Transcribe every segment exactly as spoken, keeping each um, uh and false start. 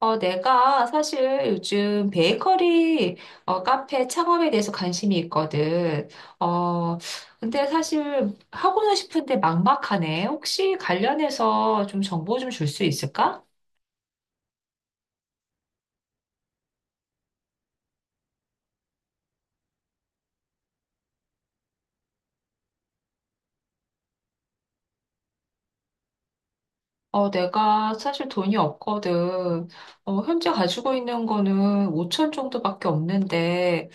어, 내가 사실 요즘 베이커리 어, 카페 창업에 대해서 관심이 있거든. 어, 근데 사실 하고는 싶은데 막막하네. 혹시 관련해서 좀 정보 좀 줄 수 있을까? 어, 내가 사실 돈이 없거든. 어, 현재 가지고 있는 거는 오천 정도밖에 없는데,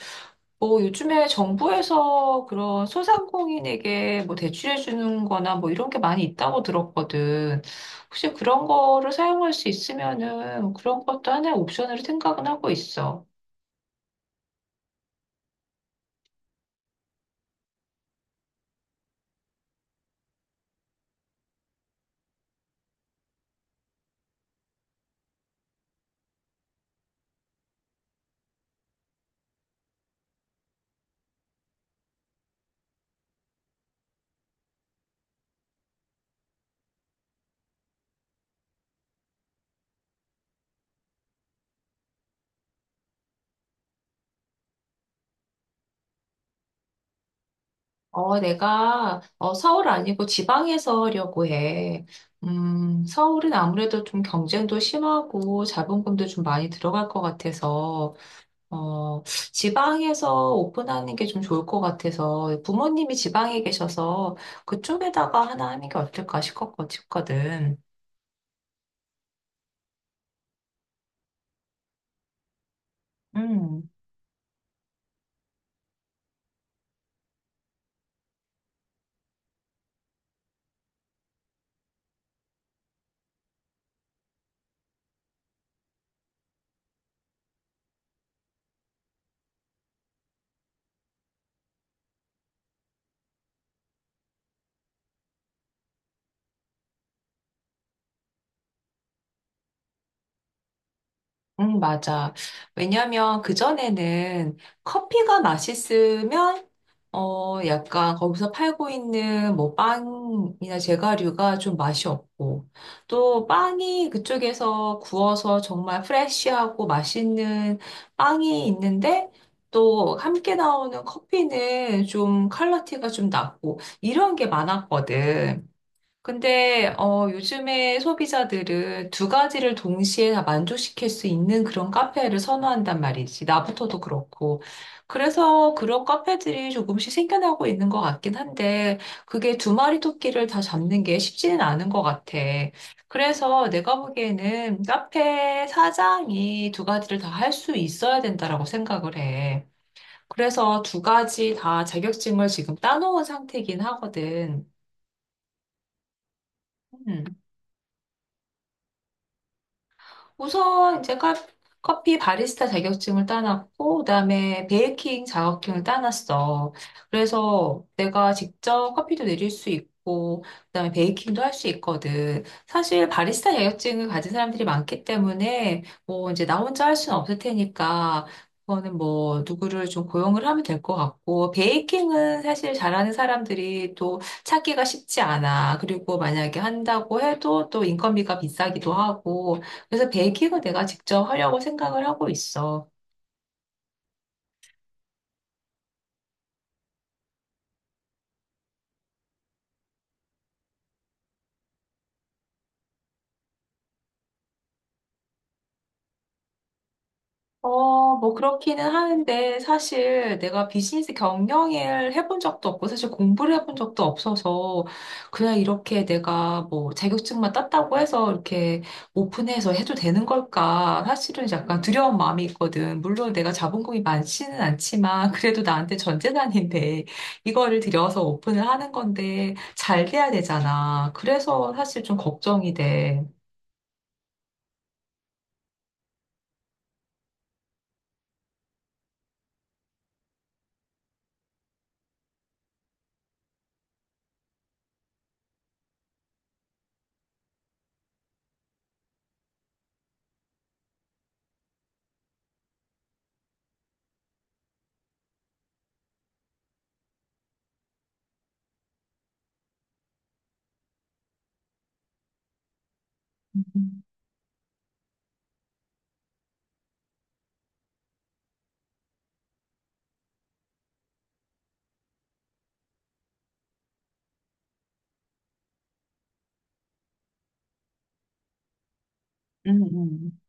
뭐 요즘에 정부에서 그런 소상공인에게 뭐 대출해 주는 거나 뭐 이런 게 많이 있다고 들었거든. 혹시 그런 거를 사용할 수 있으면은 그런 것도 하나의 옵션으로 생각은 하고 있어. 어, 내가 어, 서울 아니고 지방에서 하려고 해. 음, 서울은 아무래도 좀 경쟁도 심하고 자본금도 좀 많이 들어갈 것 같아서 어, 지방에서 오픈하는 게 좀 좋을 것 같아서 부모님이 지방에 계셔서 그쪽에다가 하나 하는 게 어떨까 싶었거- 싶거든. 음, 음, 맞아. 왜냐면 그전에는 커피가 맛있으면 어, 약간 거기서 팔고 있는 뭐 빵이나 제과류가 좀 맛이 없고, 또 빵이 그쪽에서 구워서 정말 프레쉬하고 맛있는 빵이 있는데, 또 함께 나오는 커피는 좀 컬러티가 좀 낮고, 이런 게 많았거든. 근데 어, 요즘에 소비자들은 두 가지를 동시에 다 만족시킬 수 있는 그런 카페를 선호한단 말이지. 나부터도 그렇고. 그래서 그런 카페들이 조금씩 생겨나고 있는 것 같긴 한데, 그게 두 마리 토끼를 다 잡는 게 쉽지는 않은 것 같아. 그래서 내가 보기에는 카페 사장이 두 가지를 다 할 수 있어야 된다라고 생각을 해. 그래서 두 가지 다 자격증을 지금 따놓은 상태이긴 하거든. 음. 우선 제가 커피 바리스타 자격증을 따놨고, 그다음에 베이킹 자격증을 따놨어. 그래서 내가 직접 커피도 내릴 수 있고, 그다음에 베이킹도 할 수 있거든. 사실 바리스타 자격증을 가진 사람들이 많기 때문에 뭐 이제 나 혼자 할 수는 없을 테니까. 그거는 뭐 누구를 좀 고용을 하면 될 것 같고 베이킹은 사실 잘하는 사람들이 또 찾기가 쉽지 않아. 그리고 만약에 한다고 해도 또 인건비가 비싸기도 하고 그래서 베이킹은 내가 직접 하려고 생각을 하고 있어. 어, 뭐 그렇기는 하는데 사실 내가 비즈니스 경영을 해본 적도 없고 사실 공부를 해본 적도 없어서 그냥 이렇게 내가 뭐 자격증만 땄다고 해서 이렇게 오픈해서 해도 되는 걸까? 사실은 약간 두려운 마음이 있거든. 물론 내가 자본금이 많지는 않지만 그래도 나한테 전 재산인데 이거를 들여서 오픈을 하는 건데 잘 돼야 되잖아. 그래서 사실 좀 걱정이 돼. 음, 음,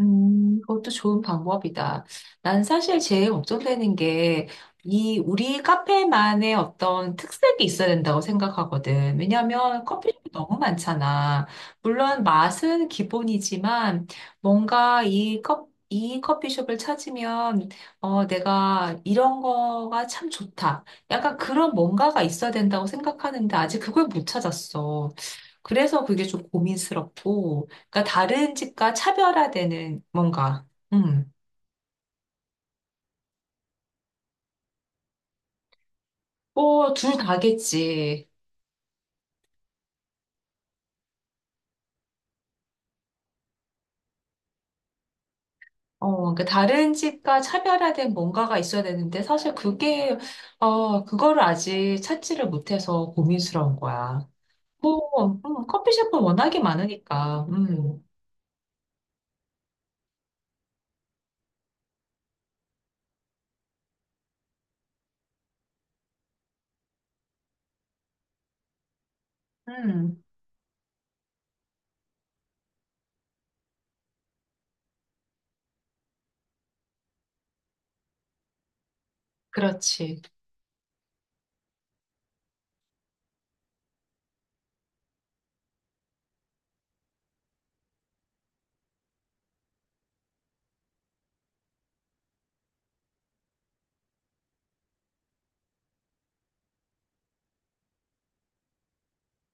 음, 그것도 좋은 방법이다. 난 사실 제일 걱정되는 게, 이, 우리 카페만의 어떤 특색이 있어야 된다고 생각하거든. 왜냐면 커피숍이 너무 많잖아. 물론 맛은 기본이지만, 뭔가 이 컵, 이 커피숍을 찾으면, 어, 내가 이런 거가 참 좋다. 약간 그런 뭔가가 있어야 된다고 생각하는데, 아직 그걸 못 찾았어. 그래서 그게 좀 고민스럽고, 그러니까 다른 집과 차별화되는 뭔가. 음. 뭐, 둘 다겠지. 어, 그러니까 다른 집과 차별화된 뭔가가 있어야 되는데 사실 그게 어, 그거를 아직 찾지를 못해서 고민스러운 거야. 뭐, 음, 커피숍은 워낙에 많으니까. 음. 음. 그렇지.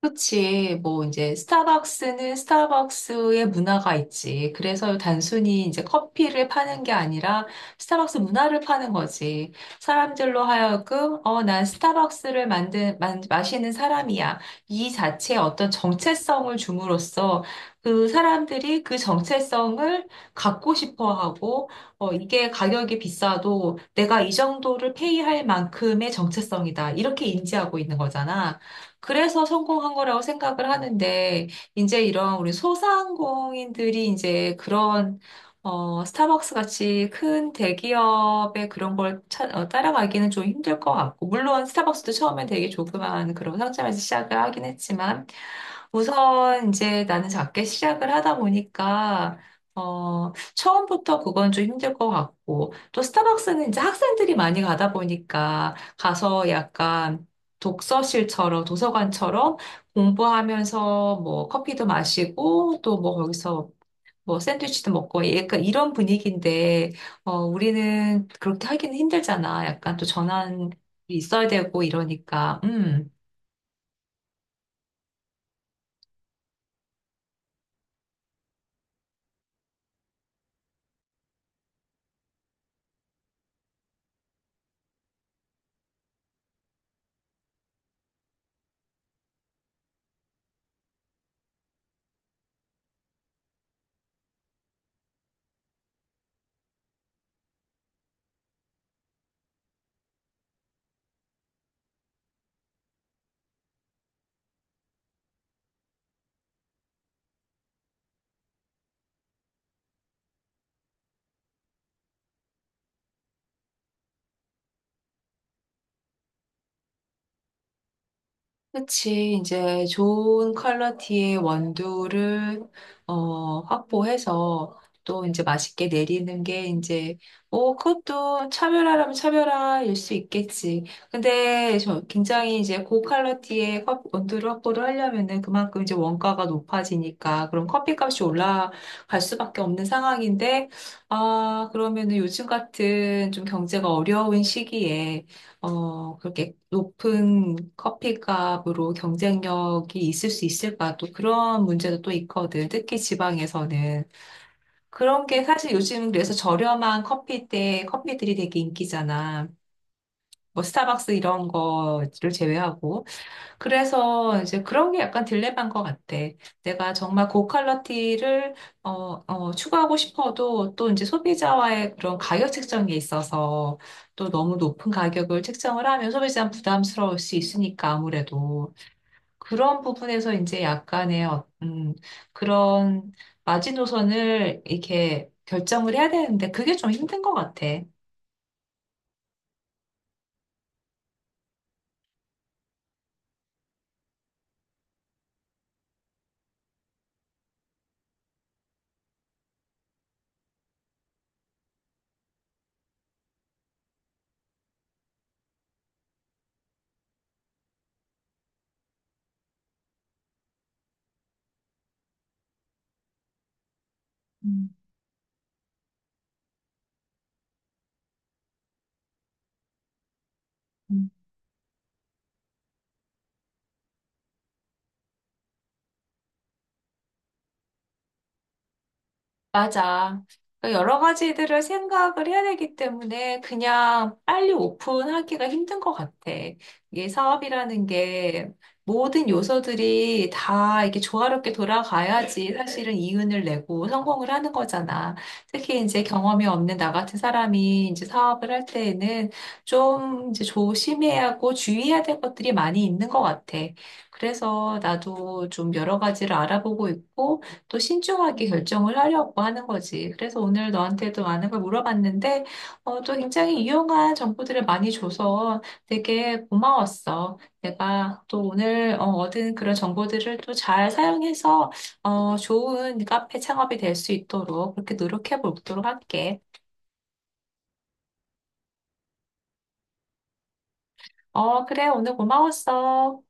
그렇지. 뭐 이제 스타벅스는 스타벅스의 문화가 있지. 그래서 단순히 이제 커피를 파는 게 아니라 스타벅스 문화를 파는 거지. 사람들로 하여금 어, 난 스타벅스를 만든 만, 마시는 사람이야. 이 자체의 어떤 정체성을 줌으로써 그 사람들이 그 정체성을 갖고 싶어 하고 어, 이게 가격이 비싸도 내가 이 정도를 페이할 만큼의 정체성이다. 이렇게 인지하고 있는 거잖아. 그래서 성공한 거라고 생각을 하는데, 이제 이런 우리 소상공인들이 이제 그런, 어, 스타벅스 같이 큰 대기업의 그런 걸 차- 어, 따라가기는 좀 힘들 것 같고, 물론 스타벅스도 처음엔 되게 조그만 그런 상점에서 시작을 하긴 했지만, 우선 이제 나는 작게 시작을 하다 보니까, 어, 처음부터 그건 좀 힘들 것 같고, 또 스타벅스는 이제 학생들이 많이 가다 보니까 가서 약간 독서실처럼, 도서관처럼 공부하면서 뭐 커피도 마시고 또 뭐 거기서 뭐 샌드위치도 먹고 약간 이런 분위기인데, 어, 우리는 그렇게 하기는 힘들잖아. 약간 또 전환이 있어야 되고 이러니까. 음. 그치. 이제 좋은 퀄러티의 원두를 어, 확보해서 또 이제 맛있게 내리는 게 이제 어, 그것도 차별화라면 차별화일 수 있겠지. 근데 저 굉장히 이제 고퀄러티의 컵- 원두를 확보를 하려면은 그만큼 이제 원가가 높아지니까 그럼 커피값이 올라갈 수밖에 없는 상황인데 아, 그러면은 요즘 같은 좀 경제가 어려운 시기에 어, 그렇게 높은 커피값으로 경쟁력이 있을 수 있을까? 또 그런 문제도 또 있거든. 특히 지방에서는. 그런 게 사실 요즘 그래서 저렴한 커피대 커피들이 되게 인기잖아. 뭐 스타벅스 이런 거를 제외하고. 그래서 이제 그런 게 약간 딜레마인 것 같아. 내가 정말 고퀄리티를 어, 어, 추구하고 싶어도 또 이제 소비자와의 그런 가격 책정이 있어서 또 너무 높은 가격을 책정을 하면 소비자는 부담스러울 수 있으니까 아무래도 그런 부분에서 이제 약간의 어- 음, 그런 마지노선을 이렇게 결정을 해야 되는데 그게 좀 힘든 것 같아. 음. 음. 맞아. 그러니까 여러 가지들을 생각을 해야 되기 때문에 그냥 빨리 오픈하기가 힘든 것 같아. 이게 사업이라는 게 모든 요소들이 다 이렇게 조화롭게 돌아가야지 사실은 이윤을 내고 성공을 하는 거잖아. 특히 이제 경험이 없는 나 같은 사람이 이제 사업을 할 때에는 좀 이제 조심해야 하고 주의해야 될 것들이 많이 있는 것 같아. 그래서 나도 좀 여러 가지를 알아보고 있고 또 신중하게 결정을 하려고 하는 거지. 그래서 오늘 너한테도 많은 걸 물어봤는데, 어, 또 굉장히 유용한 정보들을 많이 줘서 되게 고마웠어. 내가 또 오늘 어, 얻은 그런 정보들을 또 잘 사용해서 어, 좋은 카페 창업이 될 수 있도록 그렇게 노력해 보도록 할게. 어, 그래, 오늘 고마웠어.